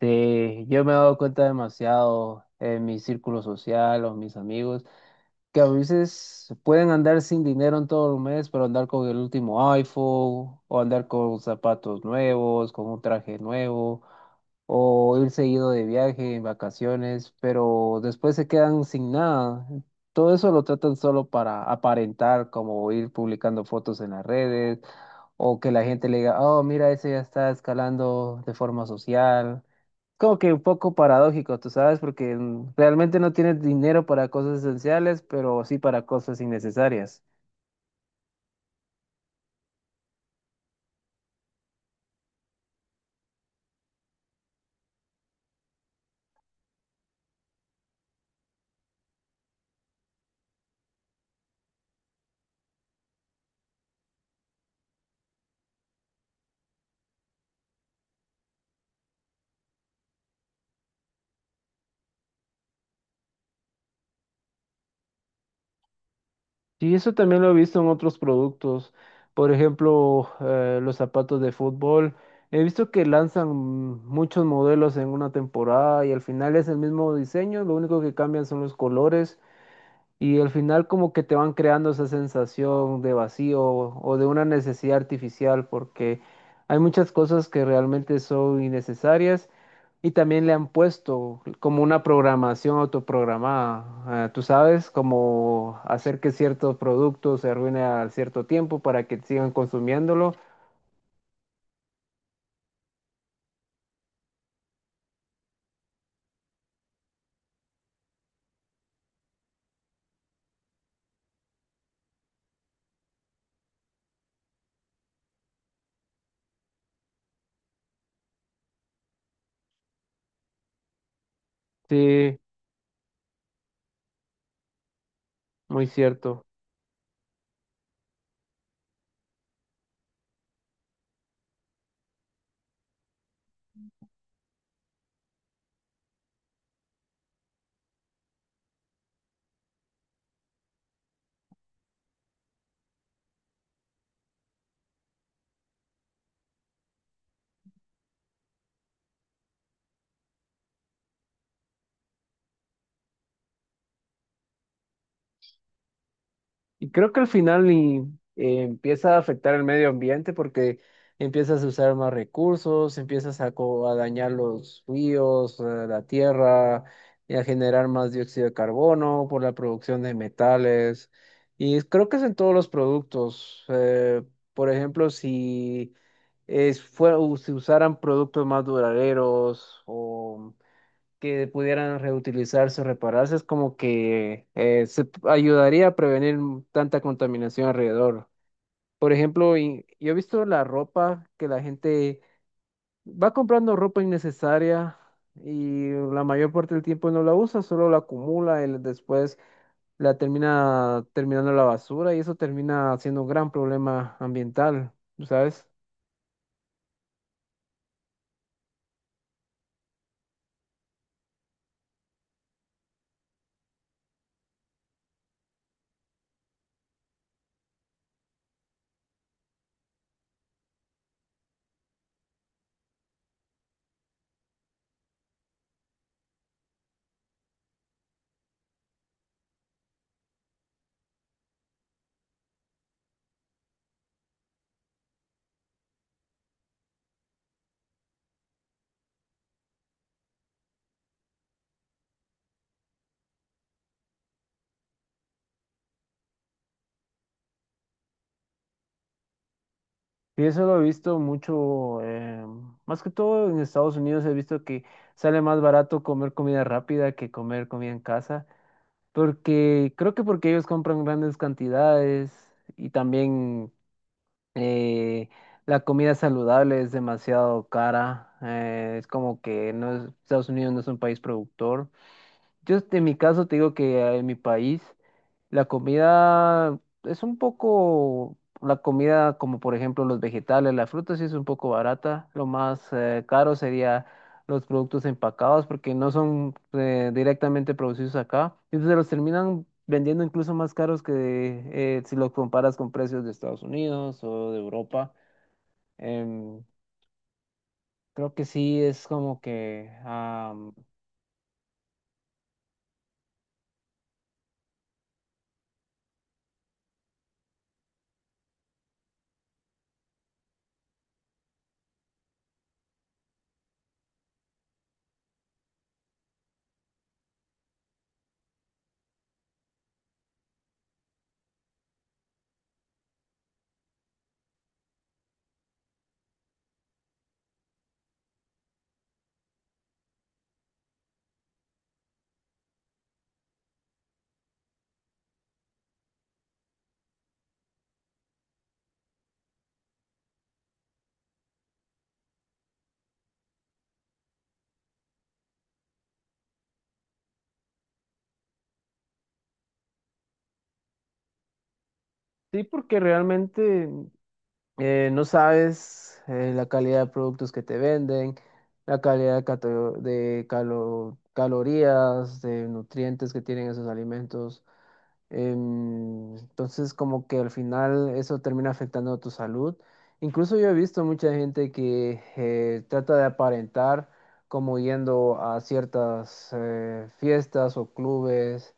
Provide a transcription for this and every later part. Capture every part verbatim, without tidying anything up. Sí, yo me he dado cuenta demasiado en mi círculo social o mis amigos que a veces pueden andar sin dinero en todo el mes, pero andar con el último iPhone o andar con zapatos nuevos, con un traje nuevo o ir seguido de viaje en vacaciones, pero después se quedan sin nada. Todo eso lo tratan solo para aparentar, como ir publicando fotos en las redes o que la gente le diga, oh, mira, ese ya está escalando de forma social, como que un poco paradójico, tú sabes, porque mm, realmente no tienes dinero para cosas esenciales, pero sí para cosas innecesarias. Y eso también lo he visto en otros productos, por ejemplo, eh, los zapatos de fútbol. He visto que lanzan mm, muchos modelos en una temporada y al final es el mismo diseño, lo único que cambian son los colores. Y al final como que te van creando esa sensación de vacío o de una necesidad artificial porque hay muchas cosas que realmente son innecesarias, y también le han puesto como una programación autoprogramada, eh, tú sabes, como hacer que ciertos productos se arruinen a cierto tiempo para que sigan consumiéndolo. Sí, muy cierto. Y creo que al final y, eh, empieza a afectar el medio ambiente porque empiezas a usar más recursos, empiezas a, co- a dañar los ríos, eh, la tierra, y a generar más dióxido de carbono por la producción de metales. Y creo que es en todos los productos. Eh, por ejemplo, si es, fue, u- si usaran productos más duraderos o que pudieran reutilizarse o repararse, es como que eh, se p- ayudaría a prevenir tanta contaminación alrededor. Por ejemplo, y- yo he visto la ropa que la gente va comprando ropa innecesaria y la mayor parte del tiempo no la usa, solo la acumula y después la termina terminando en la basura, y eso termina siendo un gran problema ambiental, ¿sabes? Y eso lo he visto mucho, eh, más que todo en Estados Unidos he visto que sale más barato comer comida rápida que comer comida en casa, porque creo que porque ellos compran grandes cantidades y también eh, la comida saludable es demasiado cara, eh, es como que no es- Estados Unidos no es un país productor. Yo este, en mi caso te digo que eh, en mi país la comida es un poco, la comida como por ejemplo los vegetales, las frutas sí es un poco barata. Lo más eh, caro sería los productos empacados porque no son eh, directamente producidos acá. Entonces los terminan vendiendo incluso más caros que eh, si los comparas con precios de Estados Unidos o de Europa. Em, creo que sí es como que... ah, Sí, porque realmente eh, no sabes eh, la calidad de productos que te venden, la calidad de, cato- de calo- calorías, de nutrientes que tienen esos alimentos. Em, entonces, como que al final eso termina afectando a tu salud. Incluso yo he visto mucha gente que eh, trata de aparentar como yendo a ciertas eh, fiestas o clubes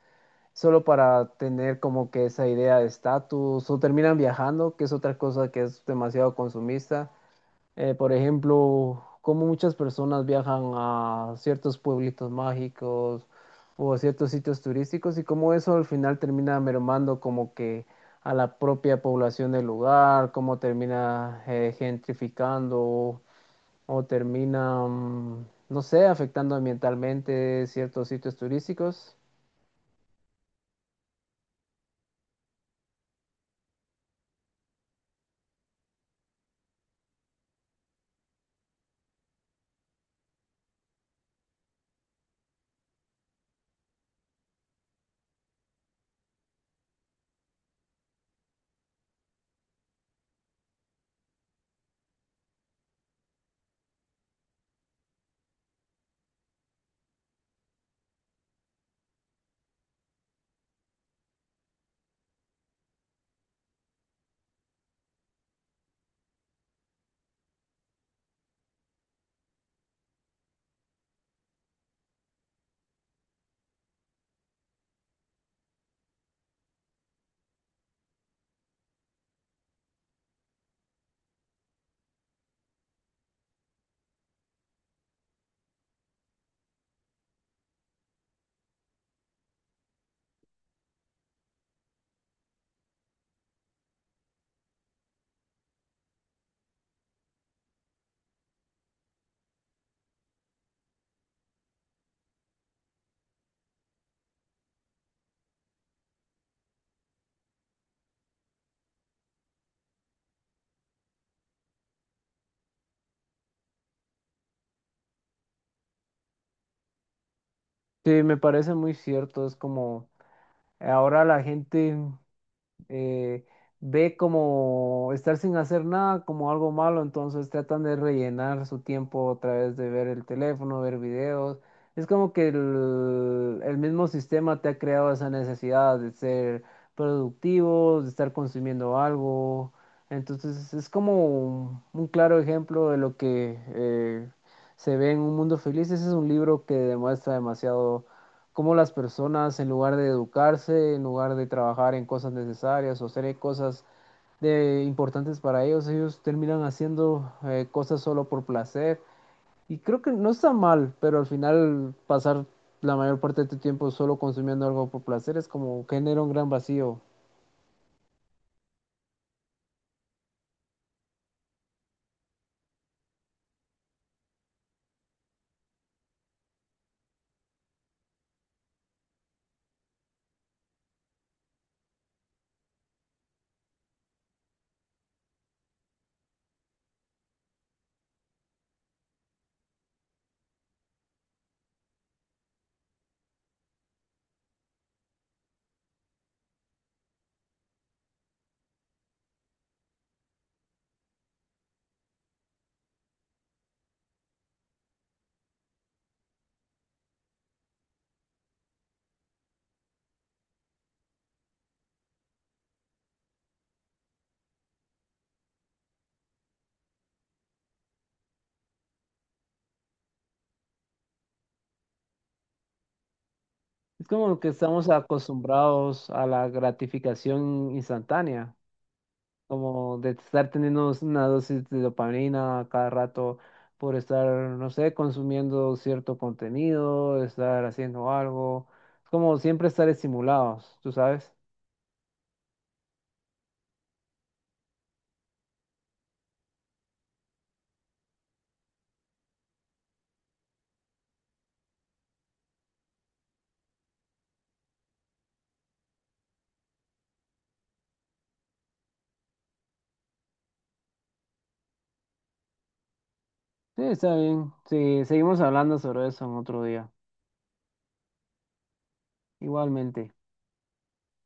solo para tener como que esa idea de estatus, o terminan viajando, que es otra cosa que es demasiado consumista. Eh, por ejemplo, como muchas personas viajan a ciertos pueblitos mágicos o a ciertos sitios turísticos, y cómo eso al final termina mermando como que a la propia población del lugar, cómo termina eh, gentrificando o termina, mm, no sé, afectando ambientalmente ciertos sitios turísticos. Sí, me parece muy cierto. Es como ahora la gente eh, ve como estar sin hacer nada como algo malo, entonces tratan de rellenar su tiempo a través de ver el teléfono, ver videos. Es como que el, el mismo sistema te ha creado esa necesidad de ser productivo, de estar consumiendo algo. Entonces es como un, un claro ejemplo de lo que eh, se ve en Un Mundo Feliz. Ese es un libro que demuestra demasiado cómo las personas, en lugar de educarse, en lugar de trabajar en cosas necesarias o hacer cosas de, importantes para ellos, ellos terminan haciendo eh, cosas solo por placer. Y creo que no está mal, pero al final pasar la mayor parte de tu tiempo solo consumiendo algo por placer es como genera un gran vacío. Es como que estamos acostumbrados a la gratificación instantánea, como de estar teniendo una dosis de dopamina a cada rato por estar, no sé, consumiendo cierto contenido, estar haciendo algo, es como siempre estar estimulados, ¿tú sabes? Sí, está bien. Sí, seguimos hablando sobre eso en otro día. Igualmente.